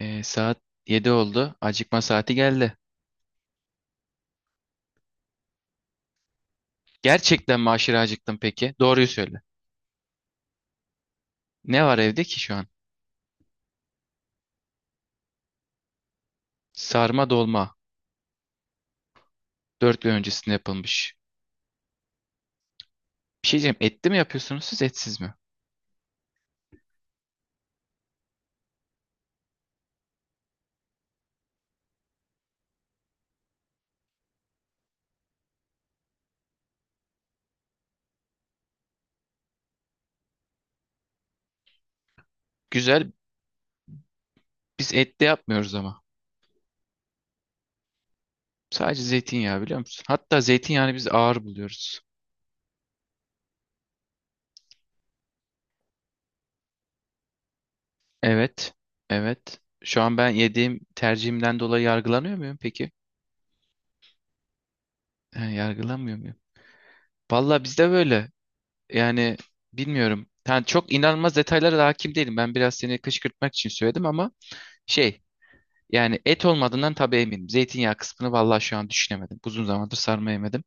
Saat 7 oldu. Acıkma saati geldi. Gerçekten mi aşırı acıktın peki? Doğruyu söyle. Ne var evde ki şu an? Sarma dolma. Dört gün öncesinde yapılmış. Bir şey diyeceğim. Etli mi yapıyorsunuz siz etsiz mi? Güzel. Biz etli yapmıyoruz ama. Sadece zeytinyağı biliyor musun? Hatta zeytinyağını biz ağır buluyoruz. Evet. Evet. Şu an ben yediğim tercihimden dolayı yargılanıyor muyum peki? He, yargılanmıyor muyum? Valla bizde böyle. Yani bilmiyorum. Yani çok inanılmaz detaylara da hakim değilim. Ben biraz seni kışkırtmak için söyledim ama şey yani et olmadığından tabii eminim. Zeytinyağı kısmını valla şu an düşünemedim. Uzun zamandır sarma yemedim.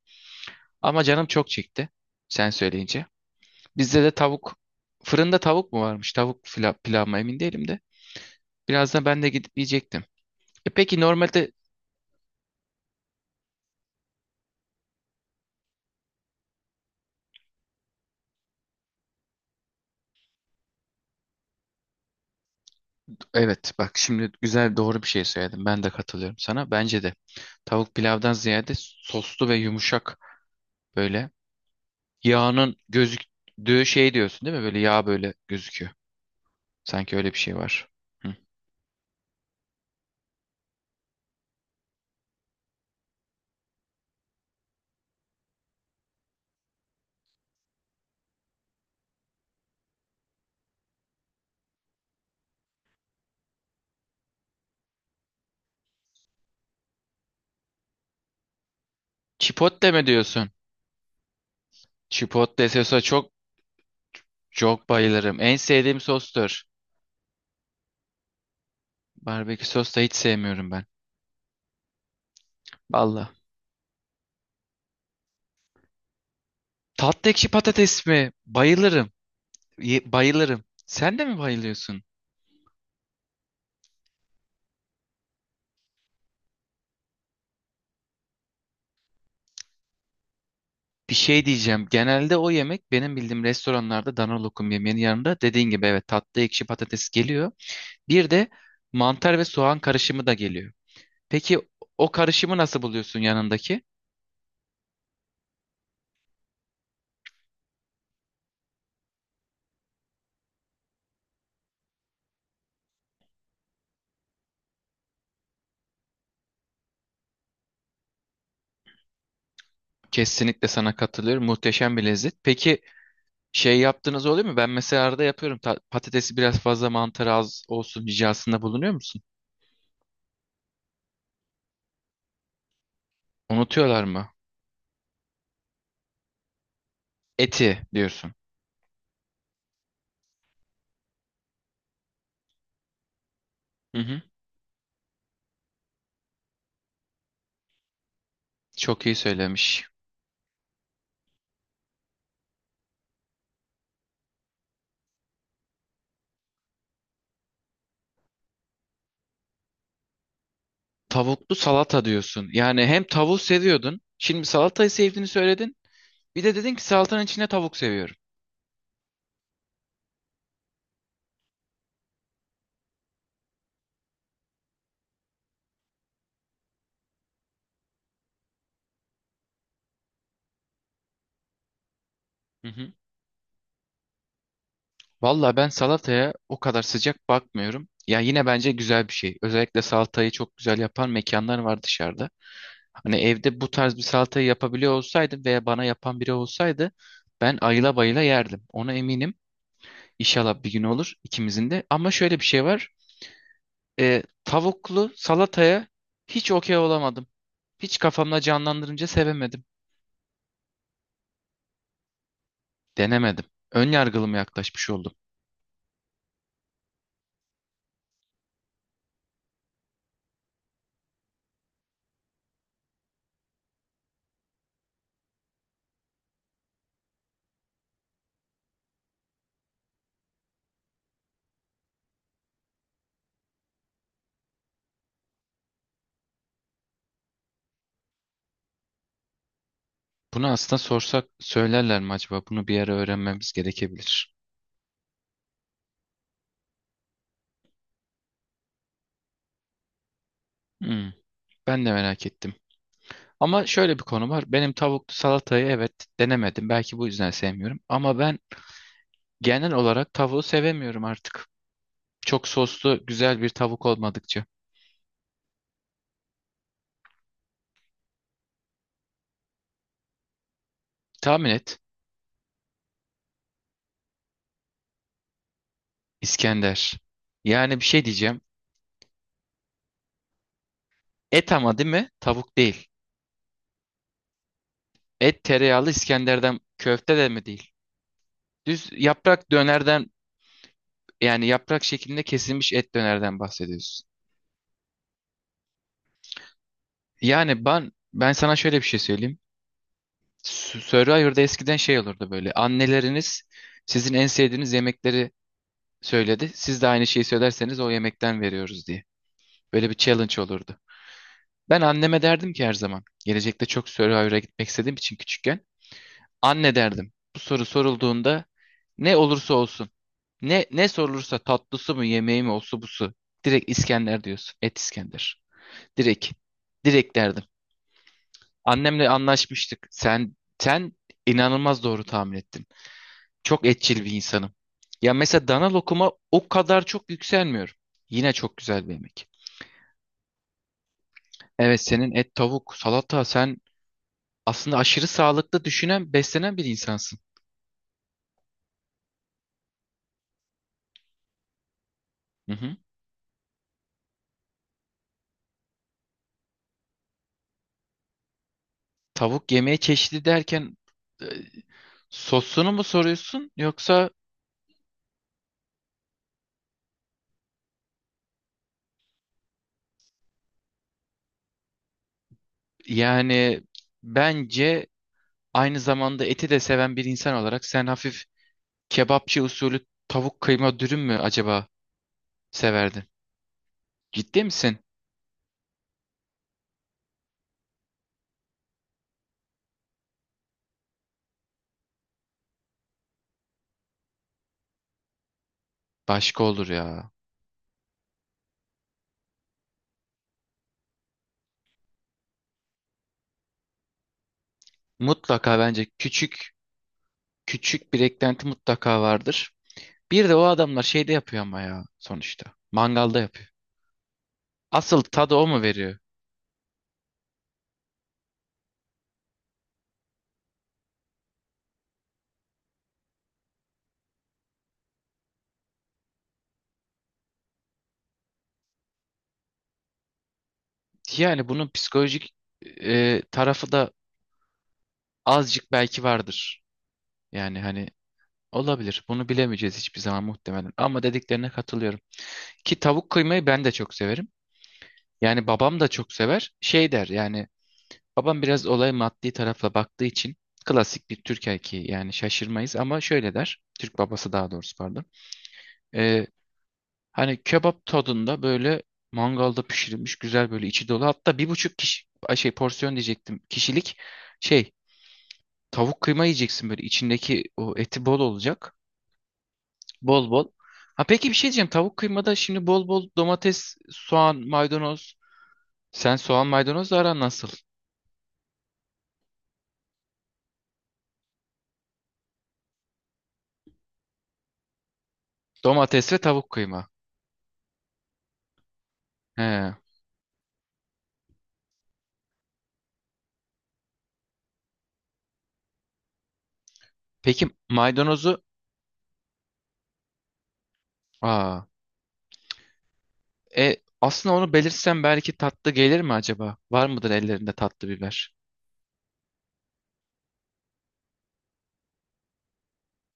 Ama canım çok çekti sen söyleyince. Bizde de tavuk fırında tavuk mu varmış? Pilav mı emin değilim de. Birazdan ben de gidip yiyecektim. E peki normalde. Evet bak şimdi güzel doğru bir şey söyledin. Ben de katılıyorum sana. Bence de tavuk pilavdan ziyade soslu ve yumuşak böyle yağının gözüktüğü şey diyorsun değil mi? Böyle yağ böyle gözüküyor. Sanki öyle bir şey var. Hı. Chipotle mi diyorsun? Chipotle sosa çok bayılırım. En sevdiğim sostur. Barbekü sos da hiç sevmiyorum ben. Valla. Tatlı ekşi patates mi? Bayılırım. Bayılırım. Sen de mi bayılıyorsun? Bir şey diyeceğim. Genelde o yemek benim bildiğim restoranlarda dana lokum yemeğinin yanında dediğin gibi evet tatlı ekşi patates geliyor. Bir de mantar ve soğan karışımı da geliyor. Peki o karışımı nasıl buluyorsun yanındaki? Kesinlikle sana katılıyorum. Muhteşem bir lezzet. Peki şey yaptığınız oluyor mu? Ben mesela arada yapıyorum. Patatesi biraz fazla mantar az olsun ricasında bulunuyor musun? Unutuyorlar mı? Eti diyorsun. Hı hı. Çok iyi söylemiş. Tavuklu salata diyorsun. Yani hem tavuğu seviyordun. Şimdi salatayı sevdiğini söyledin. Bir de dedin ki salatanın içine tavuk seviyorum. Hı hı. Valla ben salataya o kadar sıcak bakmıyorum. Ya yine bence güzel bir şey. Özellikle salatayı çok güzel yapan mekanlar var dışarıda. Hani evde bu tarz bir salatayı yapabiliyor olsaydım veya bana yapan biri olsaydı ben ayıla bayıla yerdim. Ona eminim. İnşallah bir gün olur ikimizin de. Ama şöyle bir şey var. Tavuklu salataya hiç okey olamadım. Hiç kafamda canlandırınca sevemedim. Denemedim. Ön yargılı mı yaklaşmış oldum. Bunu aslında sorsak söylerler mi acaba? Bunu bir ara öğrenmemiz gerekebilir. Hmm, ben de merak ettim. Ama şöyle bir konu var. Benim tavuklu salatayı evet denemedim. Belki bu yüzden sevmiyorum. Ama ben genel olarak tavuğu sevemiyorum artık. Çok soslu, güzel bir tavuk olmadıkça. Tahmin et. İskender. Yani bir şey diyeceğim. Et ama değil mi? Tavuk değil. Et tereyağlı İskender'den köfte de mi değil? Düz yaprak dönerden, yani yaprak şeklinde kesilmiş et dönerden bahsediyorsun. Yani ben sana şöyle bir şey söyleyeyim. Survivor'da eskiden şey olurdu böyle. Anneleriniz sizin en sevdiğiniz yemekleri söyledi. Siz de aynı şeyi söylerseniz o yemekten veriyoruz diye. Böyle bir challenge olurdu. Ben anneme derdim ki her zaman. Gelecekte çok Survivor'a gitmek istediğim için küçükken. Anne derdim. Bu soru sorulduğunda ne olursa olsun. Ne sorulursa tatlısı mı yemeği mi olsa busu. Direkt İskender diyorsun. Et İskender. Direkt. Direkt derdim. Annemle anlaşmıştık. Sen inanılmaz doğru tahmin ettin. Çok etçil bir insanım. Ya mesela dana lokuma o kadar çok yükselmiyorum. Yine çok güzel bir yemek. Evet senin et, tavuk, salata, sen aslında aşırı sağlıklı düşünen, beslenen bir insansın. Hı hı. Tavuk yemeği çeşidi derken, e, sosunu mu soruyorsun yoksa yani bence aynı zamanda eti de seven bir insan olarak sen hafif kebapçı usulü tavuk kıyma dürüm mü acaba severdin? Ciddi misin? Başka olur ya. Mutlaka bence küçük bir eklenti mutlaka vardır. Bir de o adamlar şeyde yapıyor ama ya sonuçta. Mangalda yapıyor. Asıl tadı o mu veriyor? Yani bunun psikolojik, tarafı da azıcık belki vardır. Yani hani olabilir. Bunu bilemeyeceğiz hiçbir zaman muhtemelen. Ama dediklerine katılıyorum. Ki tavuk kıymayı ben de çok severim. Yani babam da çok sever. Şey der yani babam biraz olaya maddi tarafla baktığı için klasik bir Türk erkeği yani şaşırmayız ama şöyle der. Türk babası daha doğrusu pardon. Ee, Hani kebap tadında böyle mangalda pişirilmiş güzel böyle içi dolu. Hatta bir buçuk kişi ay şey porsiyon diyecektim kişilik şey tavuk kıyma yiyeceksin böyle içindeki o eti bol olacak. Bol bol. Ha peki bir şey diyeceğim. Tavuk kıymada şimdi bol bol domates, soğan, maydanoz. Sen soğan maydanozla aran nasıl? Domates ve tavuk kıyma. He. Peki maydanozu, aa, aslında onu belirtsem belki tatlı gelir mi acaba? Var mıdır ellerinde tatlı biber?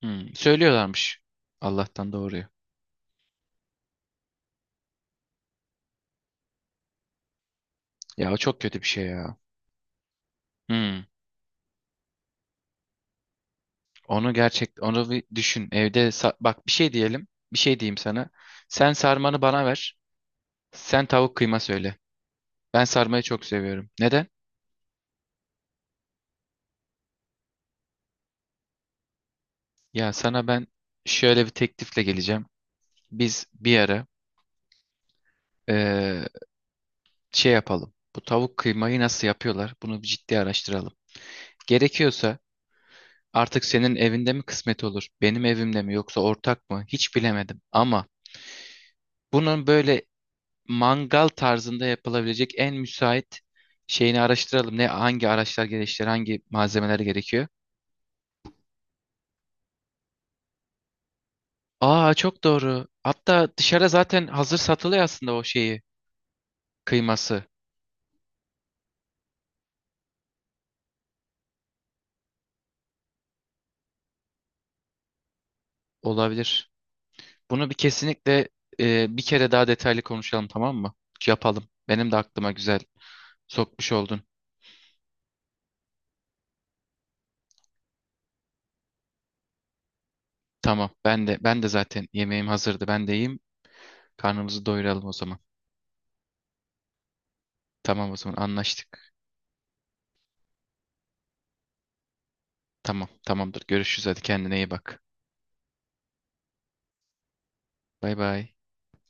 Hmm, söylüyorlarmış. Allah'tan doğruyu. Ya o çok kötü bir şey ya. Hmm, onu gerçek onu bir düşün. Bak bir şey diyelim. Bir şey diyeyim sana. Sen sarmanı bana ver. Sen tavuk kıyma söyle. Ben sarmayı çok seviyorum. Neden? Ya sana ben şöyle bir teklifle geleceğim. Biz bir ara eee, şey yapalım. Bu tavuk kıymayı nasıl yapıyorlar? Bunu bir ciddi araştıralım. Gerekiyorsa artık senin evinde mi kısmet olur? Benim evimde mi yoksa ortak mı? Hiç bilemedim. Ama bunun böyle mangal tarzında yapılabilecek en müsait şeyini araştıralım. Ne hangi araçlar gerekiyor, hangi malzemeler gerekiyor? Aa çok doğru. Hatta dışarıda zaten hazır satılıyor aslında o şeyi, kıyması. Olabilir. Bunu bir kesinlikle bir kere daha detaylı konuşalım tamam mı? Yapalım. Benim de aklıma güzel sokmuş oldun. Tamam. Ben de zaten yemeğim hazırdı. Ben de yiyeyim. Karnımızı doyuralım o zaman. Tamam o zaman anlaştık. Tamam, tamamdır. Görüşürüz hadi kendine iyi bak. Bay bay.